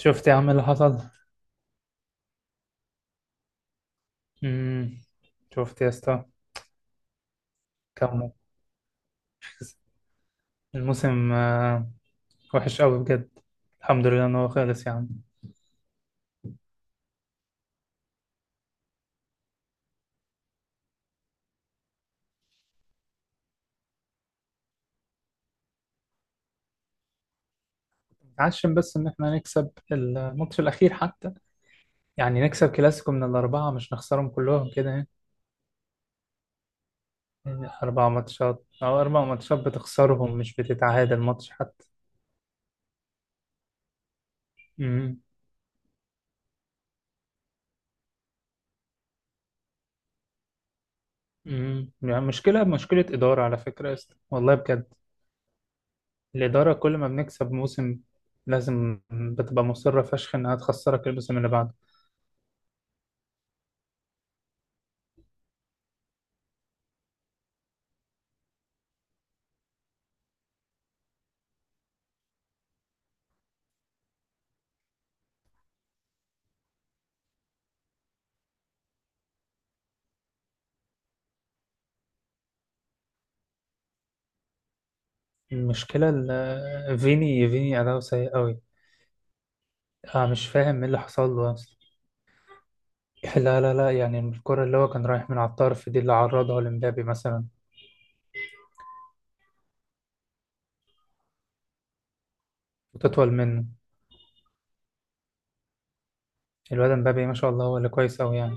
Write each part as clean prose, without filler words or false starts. شفت يا عم اللي حصل. امم شفت يا اسطى. كم؟ الموسم، آه، وحش قوي بجد. الحمد لله ان هو خلص يا عم. عشان بس ان احنا نكسب الماتش الاخير حتى. يعني نكسب كلاسيكو من الاربعه، مش نخسرهم كلهم كده يعني. يعني اربع ماتشات او اربع ماتشات بتخسرهم، مش بتتعادل ماتش حتى. امم يعني مشكله مشكله اداره على فكره يا اسطى، والله بجد. الاداره كل ما بنكسب موسم، لازم بتبقى مصره فشخ انها تخسرك الموسم اللي بعده. المشكلة فيني أداؤه سيء أوي. أنا مش فاهم إيه اللي حصل له أصلا. لا، لا، لا، يعني الكرة اللي هو كان رايح من على الطرف دي اللي عرضها لمبابي مثلا. وتطول منه. الواد مبابي، ما شاء الله، هو اللي كويس أوي يعني.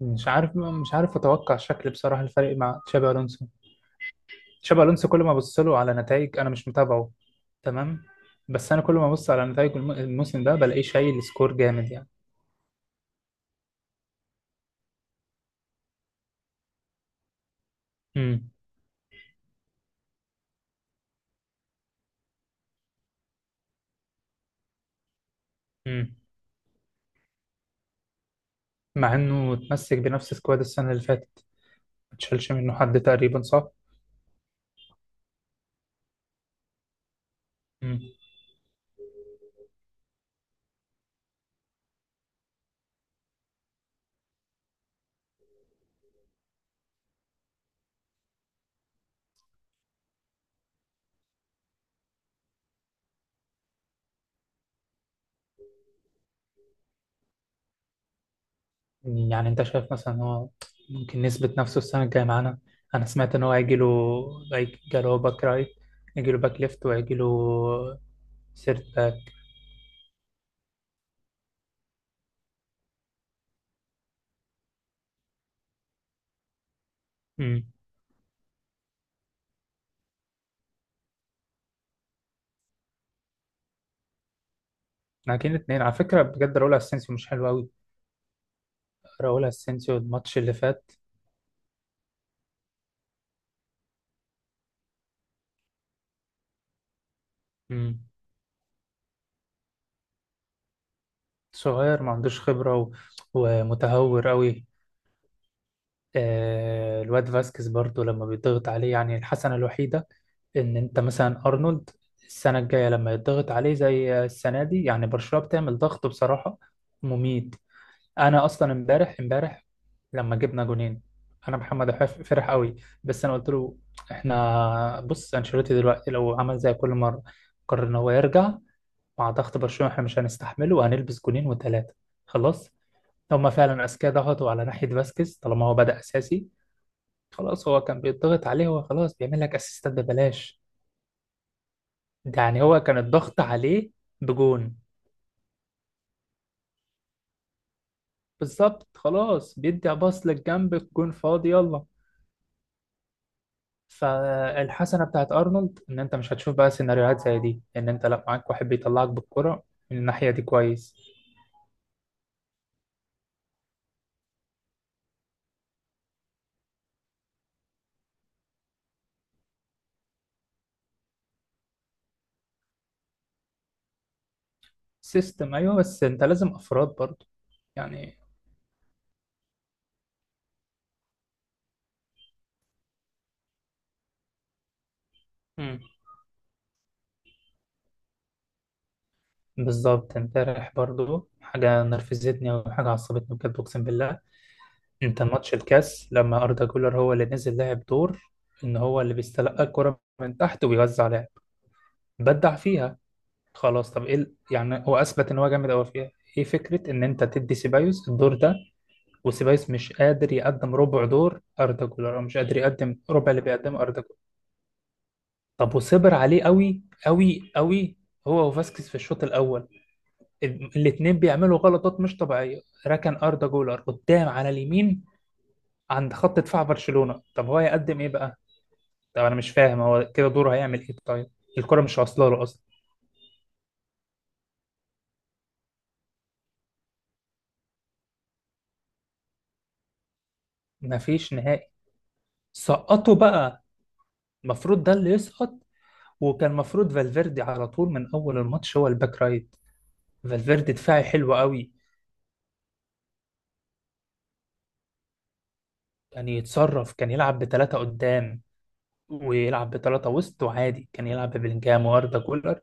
مش عارف أتوقع شكل بصراحة الفريق مع تشابي ألونسو. تشابي ألونسو كل ما أبص له على نتائج، أنا مش متابعه. تمام. بس أنا كل ما أبص على نتائج الموسم ده بلاقيه شايل سكور جامد يعني. امم امم مع إنه اتمسك بنفس سكواد السنة اللي فاتت، ما تشالش منه حد تقريبا، صح؟ مم. يعني انت شايف مثلا ان هو ممكن يثبت نفسه السنه الجايه معانا. انا سمعت ان هو هيجي له. جاله باك رايت. هيجي له باك ليفت وهيجي له سيرت باك. امم لكن اتنين على فكره بجد، راؤول اسينسيو مش حلو قوي. راؤول اسينسيو الماتش اللي فات. امم صغير ما عندوش خبره ومتهور قوي. آه، الواد فاسكيز برضو لما بيضغط عليه يعني الحسنة الوحيدة إن أنت مثلا أرنولد، السنة الجاية لما يضغط عليه زي السنة دي، يعني برشلونة بتعمل ضغط بصراحة مميت. أنا أصلا امبارح لما جبنا جونين، أنا محمد فرح قوي. بس أنا قلت له: إحنا بص، أنشيلوتي دلوقتي لو عمل زي كل مرة، قرر إن هو يرجع مع ضغط برشلونة، إحنا مش هنستحمله وهنلبس جونين وتلاتة. خلاص. هما فعلا أذكياء، ضغطوا على ناحية فاسكيز طالما هو بدأ أساسي. خلاص هو كان بيضغط عليه، هو خلاص بيعمل لك اسيستات ببلاش. ده يعني هو كان الضغط عليه بجون. بالظبط خلاص، بيدي باص للجنب، الجون فاضي يلا. فالحسنه بتاعت ارنولد ان انت مش هتشوف بقى سيناريوهات زي دي، ان انت لا معاك واحد بيطلعك بالكرة. من الناحيه دي كويس. سيستم، ايوه، بس انت لازم افراد برضو. يعني. مم. بالظبط، امبارح برضو حاجه نرفزتني وحاجه عصبتني بجد، اقسم بالله. انت ماتش الكاس لما اردا جولر هو اللي نزل لعب دور، ان هو اللي بيستلقى الكرة من تحت ويوزع لعب. بدع فيها. خلاص طب ايه يعني هو اثبت ان هو جامد قوي فيها. ايه فكرة ان انت تدي سيبايوس الدور ده، وسيبايوس مش قادر يقدم ربع دور اردا جولر، او مش قادر يقدم ربع اللي بيقدمه اردا جولر. طب وصبر عليه قوي قوي قوي، هو وفاسكيز في الشوط الاول. الاتنين بيعملوا غلطات مش طبيعية. ركن اردا جولر قدام على اليمين عند خط دفاع برشلونة، طب هو يقدم ايه بقى. طب انا مش فاهم هو كده دوره هيعمل ايه طيب، الكرة مش واصله له اصلا. مفيش نهائي. سقطوا بقى. المفروض ده اللي يسقط. وكان المفروض فالفيردي على طول من اول الماتش هو الباك رايت. فالفيردي دفاعي حلو قوي. كان يتصرف، كان يلعب بثلاثة قدام، ويلعب بثلاثة وسط، وعادي كان يلعب ببلينجهام واردا جولر.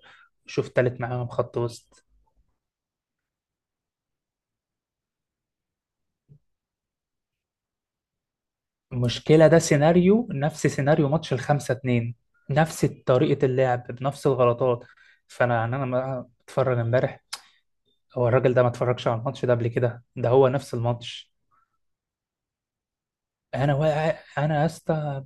شوف تالت معاهم خط وسط. المشكلة ده سيناريو نفس سيناريو ماتش الخمسة اتنين. نفس طريقة اللعب بنفس الغلطات. فأنا يعني أنا بقى بتفرج امبارح، هو الراجل ده ما اتفرجش على الماتش ده قبل كده؟ ده هو نفس الماتش. انا واقع انا يا اسطى.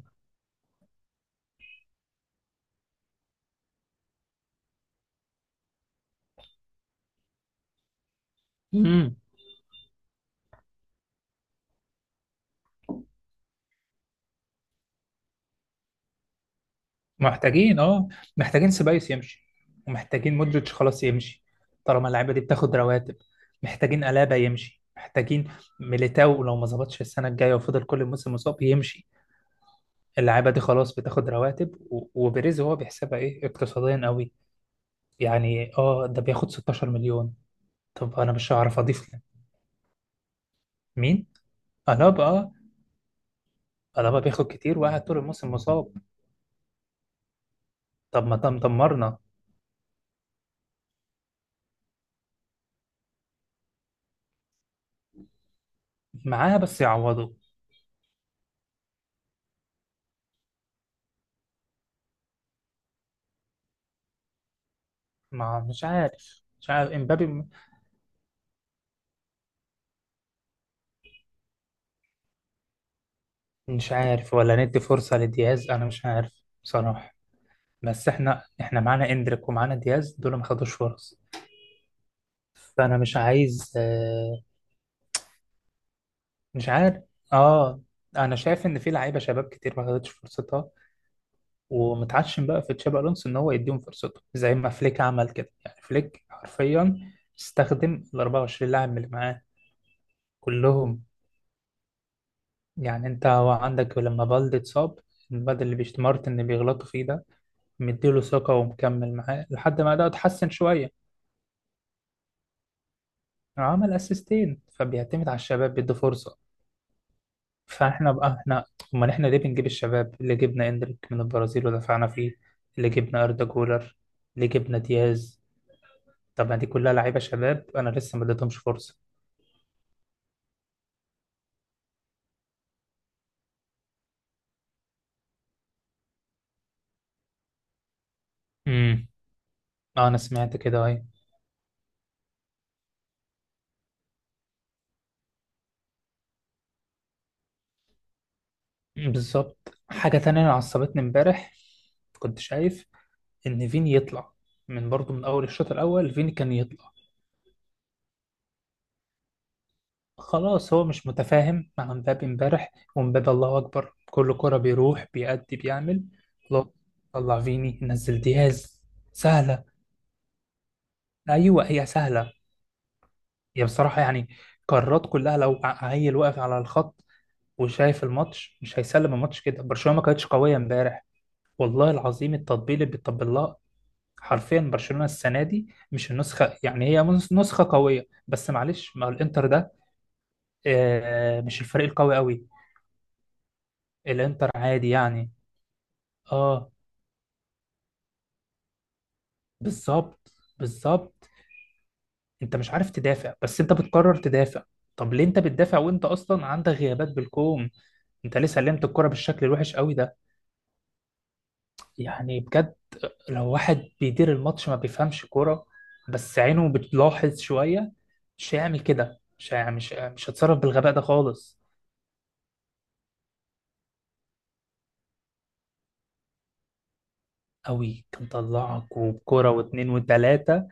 مم. محتاجين، اه. محتاجين سيبايوس يمشي، ومحتاجين مودريتش خلاص يمشي. طالما اللعيبه دي بتاخد رواتب. محتاجين ألابا يمشي، محتاجين ميليتاو لو ما ظبطش السنه الجايه وفضل كل الموسم مصاب يمشي. اللعيبه دي خلاص بتاخد رواتب، وبيريز هو بيحسبها ايه اقتصاديا قوي. يعني اه، ده بياخد 16 مليون. طب انا مش هعرف اضيف مين. ألابا، اه. ألابا بياخد كتير وقاعد طول الموسم مصاب. طب ما تم دمرنا معاه، بس يعوضوا. ما، مش عارف، امبابي مش عارف، ولا ندي فرصة لدياز، انا مش عارف بصراحة. بس احنا معانا اندريك ومعانا دياز، دول ما خدوش فرص. فانا مش عايز، مش عارف. اه. انا شايف ان في لعيبة شباب كتير ما خدتش فرصتها، ومتعشم بقى في تشابي الونسو ان هو يديهم فرصتهم زي ما فليك عمل كده. يعني فليك حرفيا استخدم ال 24 لاعب اللي معاه كلهم. يعني انت هو عندك لما بالدي اتصاب، الواد اللي بيشتمرت ان بيغلطوا فيه ده، مديله ثقة ومكمل معاه لحد ما ده اتحسن شوية. عمل اسيستين، فبيعتمد على الشباب، بيدي فرصة. فاحنا بقى احنا، امال احنا ليه بنجيب الشباب؟ اللي جبنا اندريك من البرازيل ودفعنا فيه، اللي جبنا اردا جولر، اللي جبنا دياز. طب ما دي كلها لعيبة شباب انا لسه ما اديتهمش فرصة. امم اه، انا سمعت كده اهي. بالظبط. حاجة تانية أنا عصبتني امبارح، كنت شايف ان فيني يطلع، من برضه من اول الشوط الاول فيني كان يطلع. خلاص هو مش متفاهم مع مبابي امبارح، ومبابي الله اكبر كل كرة بيروح بيأدي بيعمل. خلاص. طلع فيني، نزل دياز. سهلة. ايوه، هي سهلة. هي بصراحة يعني قرارات كلها، لو عيل واقف على الخط وشايف الماتش مش هيسلم الماتش كده. برشلونة ما كانتش قوية امبارح والله العظيم. التطبيل اللي بيطبل لها حرفيا، برشلونة السنة دي مش النسخة يعني، هي نسخة قوية، بس معلش مع الانتر ده آه، مش الفريق القوي قوي. الانتر عادي يعني. اه. بالظبط، بالظبط، انت مش عارف تدافع، بس انت بتقرر تدافع. طب ليه انت بتدافع وانت اصلا عندك غيابات بالكوم؟ انت ليه سلمت الكرة بالشكل الوحش قوي ده؟ يعني بجد، لو واحد بيدير الماتش ما بيفهمش كرة بس عينه بتلاحظ شوية، مش هيعمل كده. مش هتصرف بالغباء ده خالص. قوي كان طلعك، وبكرة واتنين وتلاتة.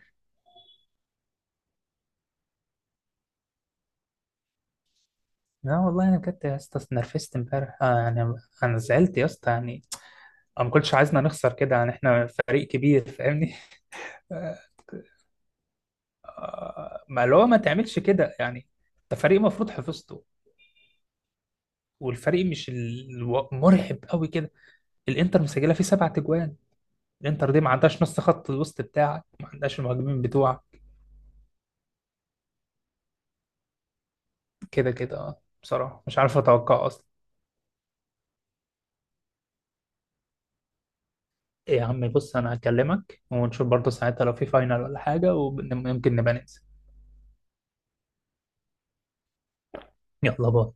لا والله انا بجد يا اسطى اتنرفزت امبارح، يعني. انا زعلت يا اسطى يعني. أنا ما كنتش عايزنا نخسر كده يعني، احنا فريق كبير فاهمني. آه، ما اللي هو ما تعملش كده يعني. انت فريق المفروض حفظته، والفريق مش مرعب قوي كده. الانتر مسجله فيه 7 تجوان. الانتر دي ما عندهاش نص خط الوسط بتاعك، ما عندهاش المهاجمين بتوعك. كده كده، آه، بصراحه مش عارف اتوقع اصلا. إيه يا عمي، بص، انا هكلمك ونشوف برضه ساعتها، لو في فاينل ولا حاجه ويمكن نبقى ننزل. يلا باي.